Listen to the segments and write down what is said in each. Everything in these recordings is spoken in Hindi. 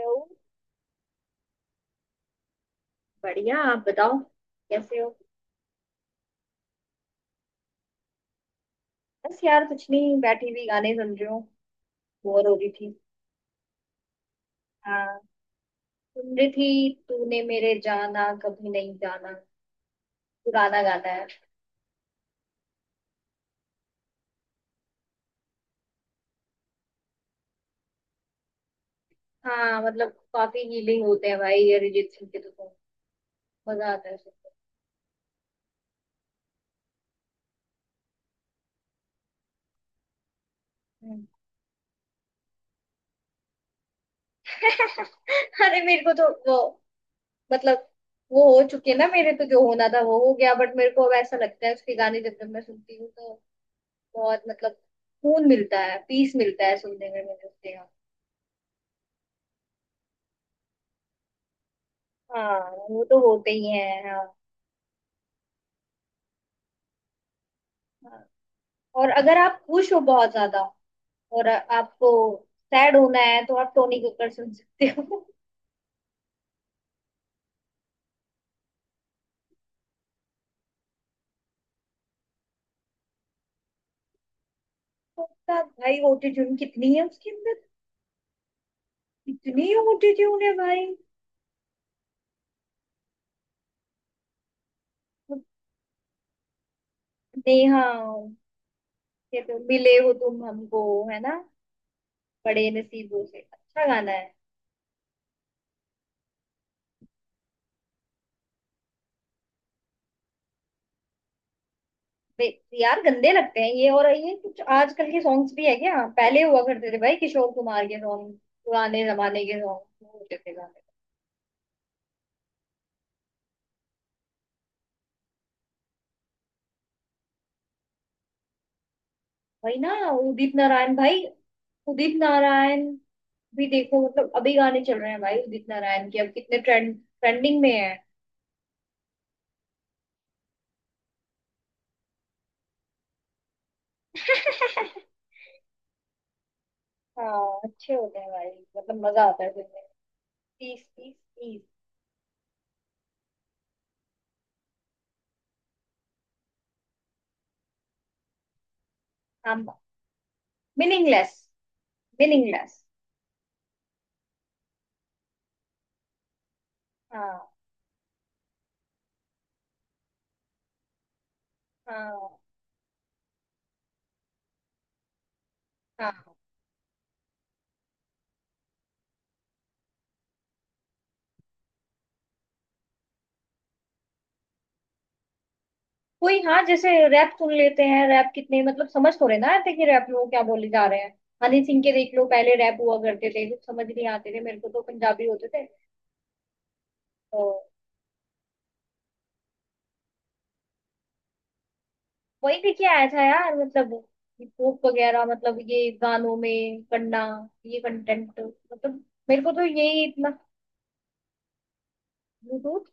हेलो। बढ़िया, आप बताओ, कैसे हो? बस यार कुछ नहीं, बैठी हुई गाने सुन रही हूँ। बोर हो रही थी। हाँ, सुन रही थी तूने मेरे जाना कभी नहीं जाना। पुराना गाना है। हाँ, मतलब काफी हीलिंग होते हैं भाई अरिजीत सिंह के तो song। मजा आता है सुनकर। हम्म। अरे मेरे को तो वो, मतलब वो हो चुके ना, मेरे तो जो होना था वो हो गया बट मेरे को अब ऐसा लगता है उसके गाने जब जब मैं सुनती हूँ तो बहुत, मतलब सुकून मिलता है, पीस मिलता है सुनने में मुझे उसके। हाँ, वो तो होते ही हैं, हाँ। हाँ। और अगर आप खुश हो बहुत ज्यादा और आपको सैड होना है तो आप टोनी कक्कड़ सुन सकते हो। उसका भाई ऑटोट्यून कितनी है उसके अंदर? इतनी ऑटोट्यून है भाई? नेहा। ये तो मिले हो तुम हमको, है ना? बड़े नसीबों से, अच्छा गाना है। यार गंदे लगते हैं ये, और ये कुछ आजकल के सॉन्ग्स भी है क्या? पहले हुआ करते थे भाई किशोर कुमार के सॉन्ग। पुराने जमाने के सॉन्ग होते थे, गाने। वही ना, उदित नारायण भाई। उदित नारायण भी देखो, मतलब अभी गाने चल रहे हैं भाई उदित नारायण के, अब कितने ट्रेंड, ट्रेंडिंग में है। हाँ, अच्छे होते हैं भाई, मतलब मजा आता है सुनने में। 30 30 30। हाँ। मीनिंगलेस। मीनिंगलेस। हाँ, हाँ, हाँ। कोई, हाँ, जैसे रैप सुन लेते हैं, रैप कितने, मतलब समझ तो रहे ना आते कि रैप लोग क्या बोले जा रहे हैं। हनी सिंह के देख लो, पहले रैप हुआ करते थे, कुछ समझ नहीं आते थे मेरे को, तो पंजाबी होते थे। तो वही लेके आया था यार, मतलब हिप वगैरह, मतलब ये गानों में करना, ये कंटेंट, मतलब मेरे को तो यही इतना। ब्लूटूथ।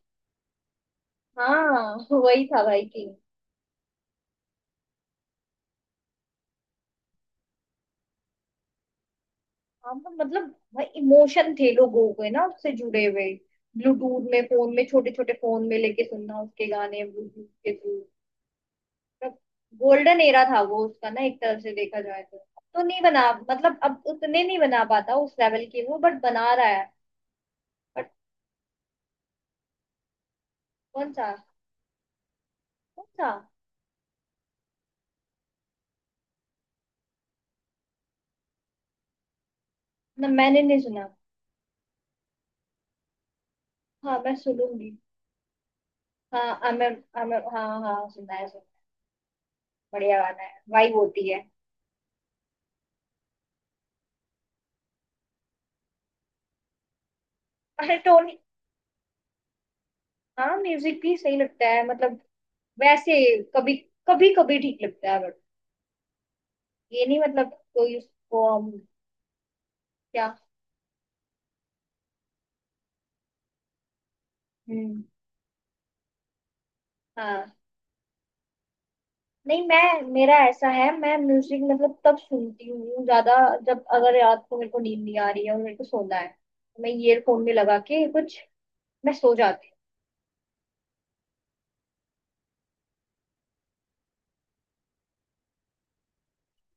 हाँ वही था भाई की। हाँ, मतलब भाई, इमोशन थे लोगों के ना उससे जुड़े हुए। ब्लूटूथ में, फोन में, छोटे छोटे फोन में लेके सुनना उसके गाने ब्लूटूथ के थ्रू। गोल्डन एरा था वो उसका ना, एक तरह से देखा जाए तो अब तो नहीं बना, मतलब अब उतने नहीं बना पाता उस लेवल के वो, बट बना रहा है। बट। कौन सा? कौन सा? ना, मैंने नहीं सुना। हाँ, मैं सुनूंगी। हाँ, आमिर आमिर, हाँ हाँ, सुना है, सुना है। बढ़िया गाना है, वाइब होती है। अरे टोन। हाँ, म्यूजिक भी सही लगता है, मतलब वैसे कभी कभी कभी ठीक लगता है, बट ये नहीं मतलब, कोई उसको हम। क्या? हम्म। हाँ, नहीं मैं, मेरा ऐसा है, मैं म्यूजिक मतलब तब सुनती हूँ ज्यादा जब अगर रात को मेरे को नींद नहीं आ रही है और मेरे को सोना है तो मैं ईयरफोन में लगा के कुछ, मैं सो जाती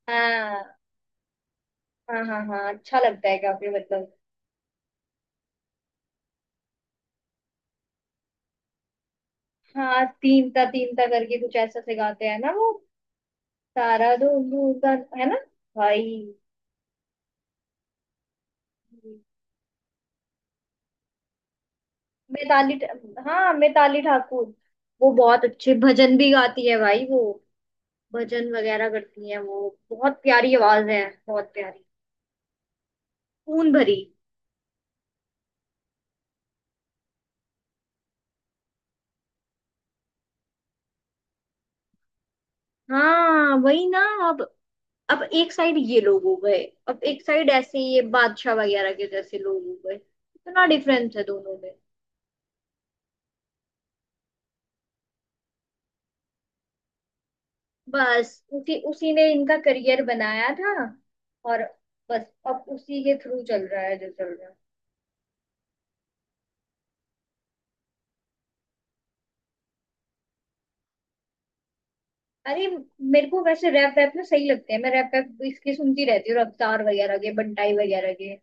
हूँ। हाँ हाँ हाँ हाँ, अच्छा लगता है काफी, मतलब। हाँ। तीन ता करके कुछ ऐसा सिखाते हैं ना वो। तारा धूम धूम ता, है ना भाई? हाँ, मिताली ठाकुर। वो बहुत अच्छे भजन भी गाती है भाई वो। भजन वगैरह करती है, वो बहुत प्यारी आवाज है। बहुत प्यारी। खून भरी। हाँ, वही ना। अब अब एक साइड ये लोग हो गए, अब एक साइड ऐसे ये बादशाह वगैरह के जैसे लोग हो गए, इतना डिफरेंस है दोनों। बस उसी उसी ने इनका करियर बनाया था। और बस अब उसी के थ्रू चल रहा है जो चल रहा है। अरे, मेरे को वैसे रैप वैप ना सही लगते हैं, मैं रैप वैप इसके सुनती रहती हूँ, रफ्तार वगैरह के, बंटाई वगैरह के।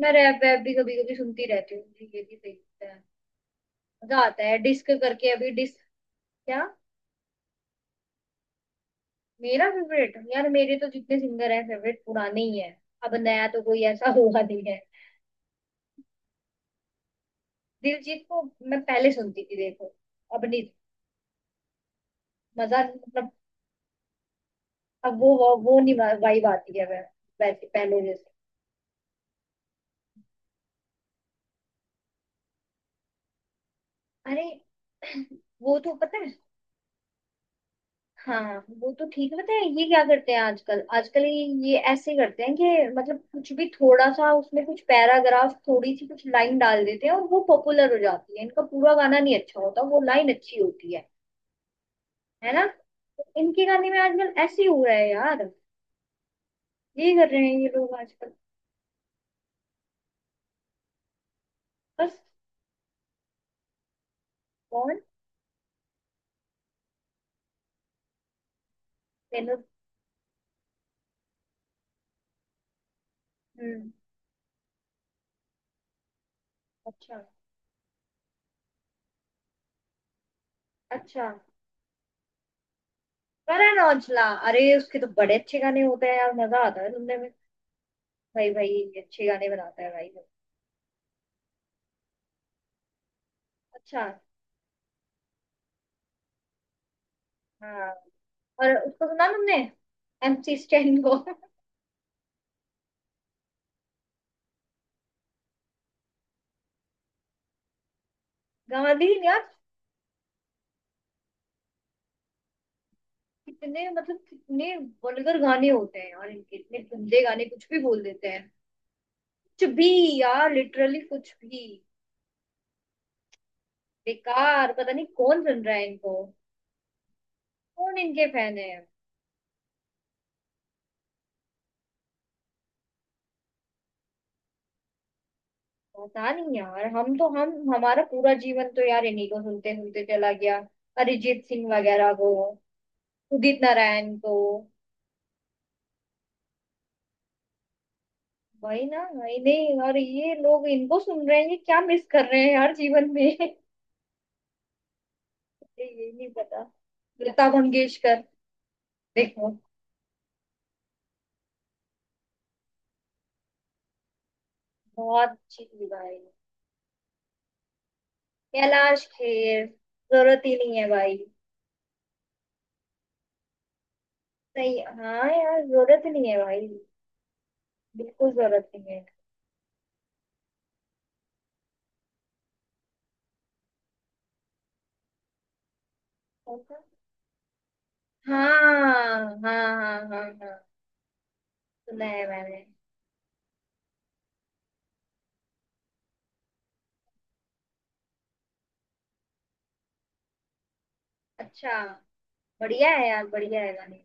मैं रैप वैप भी कभी कभी सुनती रहती हूँ, मुझे ये भी सही लगता है। मजा आता है डिस्क करके, अभी डिस्क। क्या? मेरा फेवरेट यार, मेरे तो जितने सिंगर हैं फेवरेट पुराने ही हैं। अब नया तो कोई ऐसा हुआ नहीं है। दिलजीत को मैं पहले सुनती थी, देखो। अब नहीं। मजा मतलब। अब वो, वो नहीं। वाइब आती है। वैसे पहले जैसे। अरे, वो तो पता है। हाँ, वो तो ठीक है, पता है। ये क्या करते हैं आजकल, आजकल ये ऐसे करते हैं कि मतलब कुछ भी, थोड़ा सा उसमें कुछ पैराग्राफ, थोड़ी सी कुछ लाइन डाल देते हैं और वो पॉपुलर हो जाती है। इनका पूरा गाना नहीं अच्छा होता, वो लाइन अच्छी होती है। है ना? तो इनके गाने में आजकल ऐसे ही हो रहा है यार। यही कर रहे हैं ये लोग आजकल। बस। कौन? मेनू। हम्म। अच्छा। अच्छा। करण औजला। अरे उसके तो बड़े अच्छे गाने होते हैं यार, मजा आता है सुनने में। भाई भाई ये अच्छे गाने बनाता है भाई वो। अच्छा। हाँ। और उसको सुना तुमने, एमसी स्टैन को? गाने ही यार। कितने, मतलब कितने वल्गर गाने होते हैं, और इनके इतने गंदे गाने, कुछ भी बोल देते हैं, कुछ भी। यार लिटरली कुछ भी। बेकार, पता नहीं कौन सुन रहा है इनको। कौन इनके फैन है? पता नहीं यार, हम हमारा पूरा जीवन तो यार इन्हीं को सुनते सुनते चला गया। अरिजीत सिंह वगैरह को, उदित नारायण को। वही ना, वही नहीं और ये लोग इनको सुन रहे हैं, ये क्या मिस कर रहे हैं हर जीवन में। मुझे ये नहीं पता। लता मंगेशकर, देखो, बहुत अच्छी थी भाई। कैलाश खेर, जरूरत ही नहीं है भाई। सही, हाँ यार, जरूरत ही नहीं है भाई। बिल्कुल जरूरत नहीं है। कौन सा? हाँ हाँ हाँ हाँ हाँ, सुना है मैंने। अच्छा, बढ़िया है यार, बढ़िया है गाने,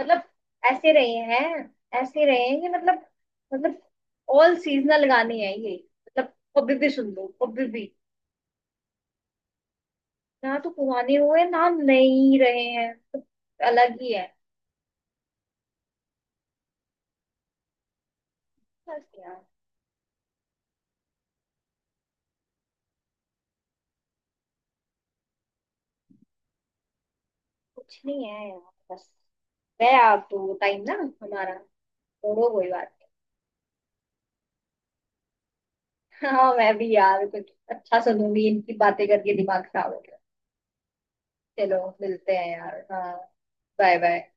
मतलब। ऐसे रहे हैं, ऐसे रहे हैं कि मतलब मतलब ऑल सीजनल गाने हैं ये, मतलब कभी भी सुन लो कभी भी। ना तो पुराने हुए, ना नहीं रहे हैं तो, अलग ही है। बस यार कुछ नहीं है यार। बस, गया आप तो वो टाइम ना, हमारा। छोड़ो, कोई बात नहीं। हाँ, मैं भी यार कुछ अच्छा सुनूंगी, इनकी बातें करके दिमाग खराब हो गया। चलो मिलते हैं यार, हाँ। Bye bye.